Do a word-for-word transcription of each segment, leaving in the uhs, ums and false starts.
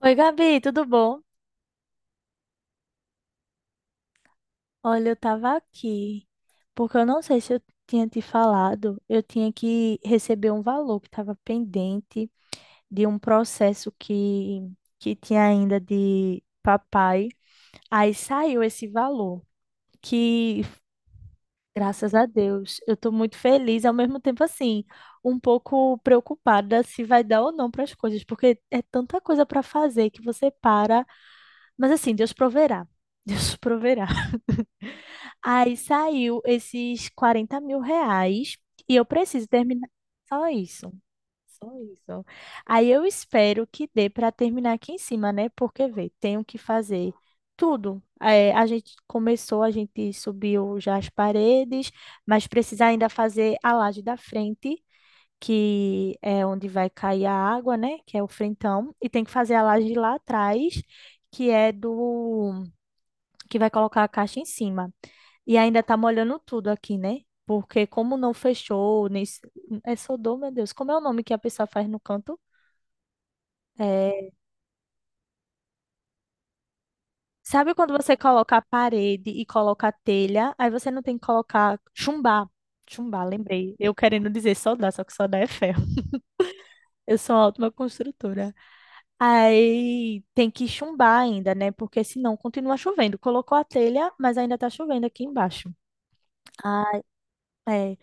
Oi, Gabi, tudo bom? Olha, eu tava aqui porque eu não sei se eu tinha te falado, eu tinha que receber um valor que estava pendente de um processo que, que tinha ainda de papai. Aí saiu esse valor, que graças a Deus, eu tô muito feliz, ao mesmo tempo assim, um pouco preocupada se vai dar ou não para as coisas, porque é tanta coisa para fazer que você para, mas assim, Deus proverá. Deus proverá. Aí saiu esses quarenta mil reais e eu preciso terminar. Só isso. Só isso. Aí eu espero que dê para terminar aqui em cima, né? Porque, vê, tenho que fazer tudo. É, a gente começou, a gente subiu já as paredes, mas precisa ainda fazer a laje da frente, que é onde vai cair a água, né? Que é o frentão. E tem que fazer a laje lá atrás, que é do que vai colocar a caixa em cima. E ainda tá molhando tudo aqui, né? Porque como não fechou, nem... s- é soldou, meu Deus. Como é o nome que a pessoa faz no canto? É. Sabe quando você coloca a parede e coloca a telha, aí você não tem que colocar chumbar. Chumbar, lembrei. Eu querendo dizer soldar, só que soldar é ferro. Eu sou uma ótima construtora. Aí tem que chumbar ainda, né? Porque senão continua chovendo. Colocou a telha, mas ainda tá chovendo aqui embaixo. Ah, é.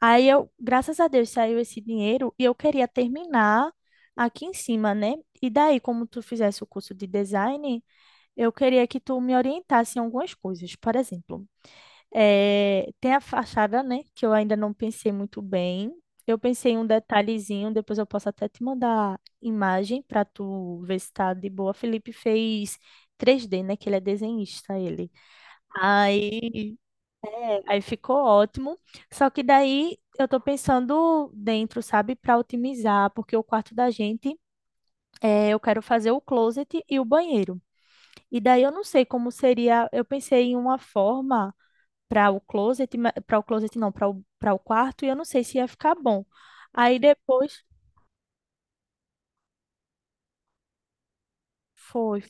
Aí eu, graças a Deus, saiu esse dinheiro e eu queria terminar aqui em cima, né? E daí, como tu fizesse o curso de design, eu queria que tu me orientasse em algumas coisas. Por exemplo, eh, tem a fachada, né? Que eu ainda não pensei muito bem. Eu pensei em um detalhezinho, depois eu posso até te mandar imagem para tu ver se tá de boa. Felipe fez três dê, né? Que ele é desenhista, ele. Aí Aí ficou ótimo. Só que daí eu tô pensando dentro, sabe, para otimizar, porque o quarto da gente é, eu quero fazer o closet e o banheiro. E daí eu não sei como seria. Eu pensei em uma forma para o closet, para o closet não, para o, para o quarto, e eu não sei se ia ficar bom. Aí depois foi.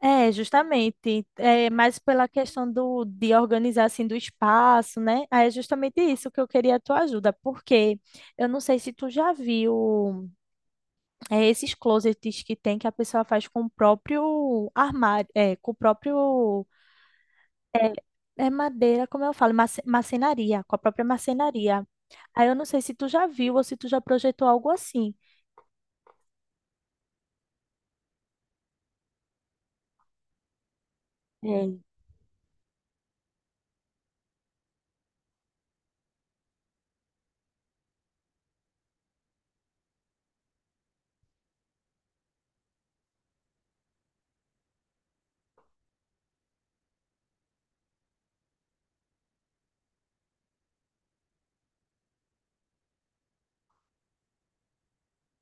É, justamente, é mais pela questão do, de organizar assim do espaço, né? Aí é justamente isso que eu queria a tua ajuda, porque eu não sei se tu já viu é, esses closets que tem que a pessoa faz com o próprio armário, é, com o próprio é, é madeira, como eu falo, marce- marcenaria, com a própria marcenaria. Aí eu não sei se tu já viu ou se tu já projetou algo assim. É.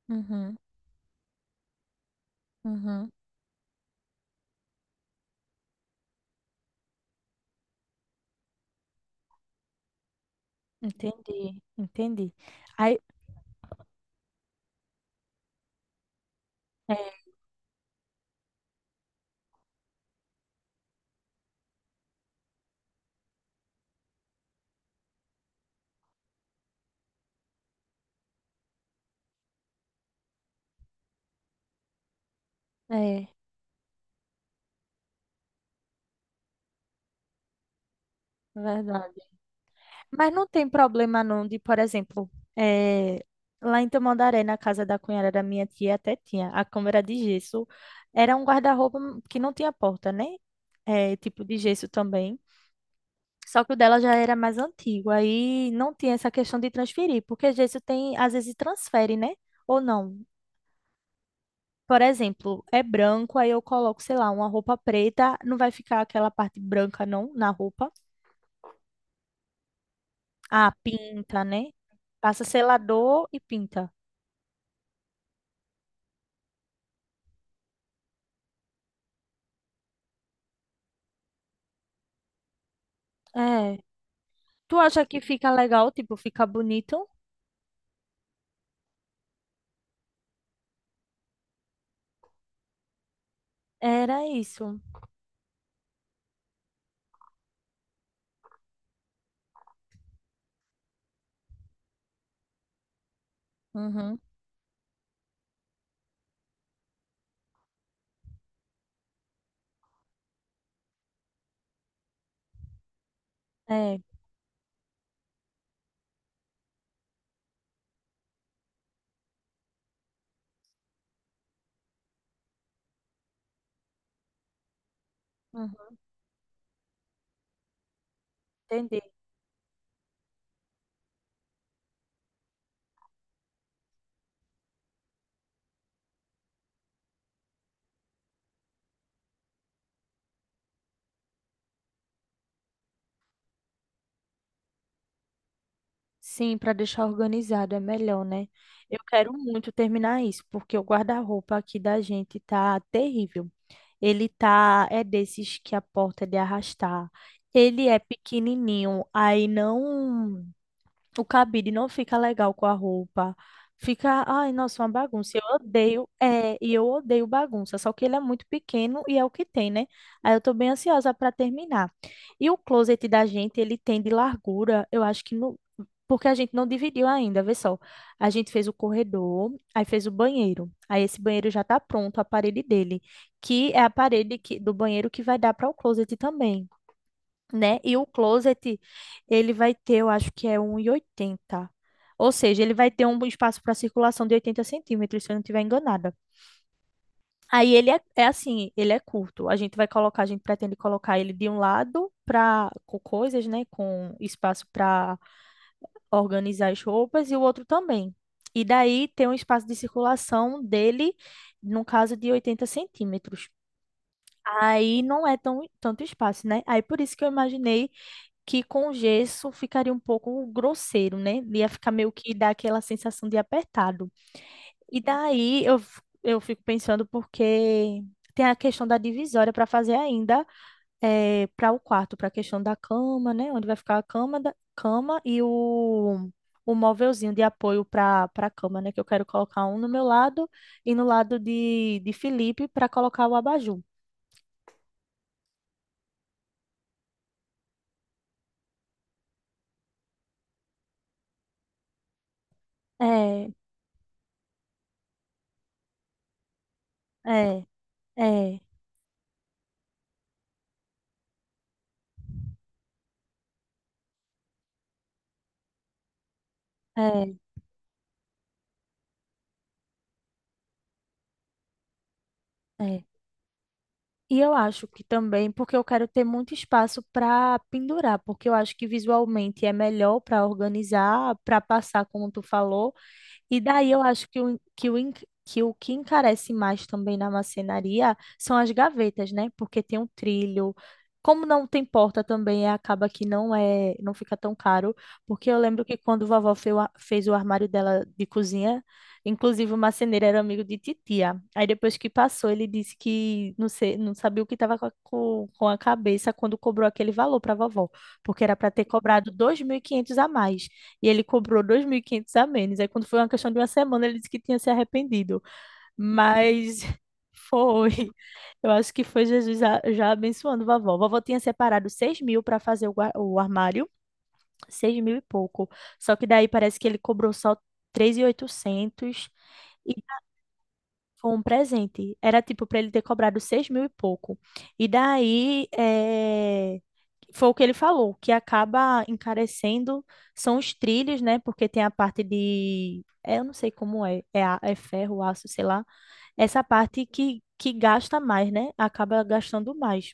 Uhum, uhum, entendi, entendi. Aí, é, é, verdade. Mas não tem problema não de, por exemplo, eh, lá em Tamandaré, na casa da cunhada da minha tia, até tinha a câmera de gesso. Era um guarda-roupa que não tinha porta, né? Eh, tipo de gesso também. Só que o dela já era mais antigo, aí não tinha essa questão de transferir, porque gesso tem, às vezes transfere, né? Ou não. Por exemplo, é branco, aí eu coloco, sei lá, uma roupa preta, não vai ficar aquela parte branca não na roupa. Ah, pinta, né? Passa selador e pinta. É. Tu acha que fica legal, tipo, fica bonito? Era isso. Uhum. É. Uhum. Entendi. Sim, para deixar organizado é melhor, né? Eu quero muito terminar isso, porque o guarda-roupa aqui da gente tá terrível. Ele tá, é desses que a porta é de arrastar. Ele é pequenininho, aí não. O cabide não fica legal com a roupa. Fica, ai, nossa, uma bagunça. Eu odeio, é, e eu odeio bagunça, só que ele é muito pequeno e é o que tem, né? Aí eu tô bem ansiosa para terminar. E o closet da gente, ele tem de largura, eu acho que não, porque a gente não dividiu ainda, vê só. A gente fez o corredor, aí fez o banheiro. Aí esse banheiro já tá pronto, a parede dele, que é a parede que, do banheiro que vai dar para o closet também, né? E o closet, ele vai ter, eu acho que é um e oitenta. Ou seja, ele vai ter um espaço para circulação de oitenta centímetros, se eu não estiver enganada. Aí ele é, é assim, ele é curto. A gente vai colocar, a gente pretende colocar ele de um lado para com coisas, né? Com espaço para organizar as roupas e o outro também. E daí tem um espaço de circulação dele, no caso de oitenta centímetros. Aí não é tão, tanto espaço, né? Aí por isso que eu imaginei que com gesso ficaria um pouco grosseiro, né? Ia ficar meio que dar aquela sensação de apertado. E daí eu, f- eu fico pensando porque tem a questão da divisória para fazer ainda para o quarto, para a questão da cama, né? Onde vai ficar a cama, da, cama e o, o móvelzinho de apoio para para a cama, né? Que eu quero colocar um no meu lado e no lado de, de Felipe para colocar o abajur. É, é, é, é, é. E eu acho que também, porque eu quero ter muito espaço para pendurar, porque eu acho que visualmente é melhor para organizar, para passar, como tu falou. E daí eu acho que o, que o, en- que o que encarece mais também na marcenaria são as gavetas, né? Porque tem um trilho. Como não tem porta também, eh, acaba que não é, não fica tão caro, porque eu lembro que quando vovó fez o, a- fez o armário dela de cozinha, inclusive o marceneiro era amigo de titia. Aí depois que passou, ele disse que não sei, não sabia o que estava com, a- com com a cabeça quando cobrou aquele valor para vovó, porque era para ter cobrado dois mil e quinhentos a mais. E ele cobrou dois mil e quinhentos a menos. Aí, quando foi uma questão de uma semana, ele disse que tinha se arrependido. Mas foi. Eu acho que foi Jesus já, já abençoando vovó. Vovó tinha separado seis mil para fazer o, gua- o armário, seis mil e pouco. Só que daí parece que ele cobrou só três mil e oitocentos. Foi um presente. Era tipo para ele ter cobrado seis mil e pouco. E daí eh, foi o que ele falou, que acaba encarecendo são os trilhos, né? Porque tem a parte de, é, eu não sei como é, é, a- é ferro, aço, sei lá. Essa parte que, que gasta mais, né? Acaba gastando mais.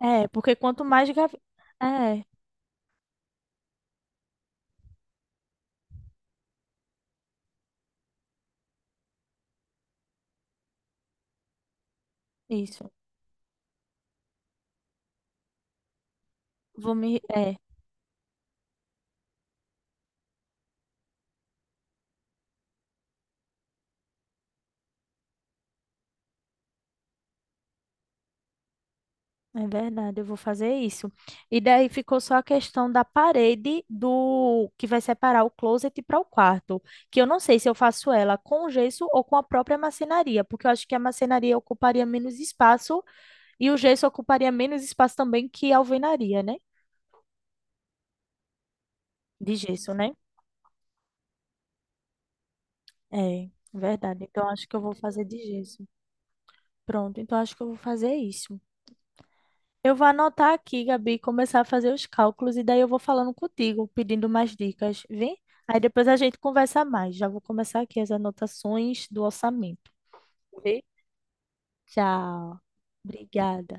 É, porque quanto mais. gav- É, isso. Vou me. É. É verdade, eu vou fazer isso. E daí ficou só a questão da parede do que vai separar o closet para o quarto, que eu não sei se eu faço ela com o gesso ou com a própria marcenaria, porque eu acho que a marcenaria ocuparia menos espaço e o gesso ocuparia menos espaço também que a alvenaria, né? De gesso, né? É, verdade. Então acho que eu vou fazer de gesso. Pronto, então acho que eu vou fazer isso. Eu vou anotar aqui, Gabi, começar a fazer os cálculos e daí eu vou falando contigo, pedindo mais dicas, vem? Aí depois a gente conversa mais. Já vou começar aqui as anotações do orçamento. Vê? Tchau. Obrigada.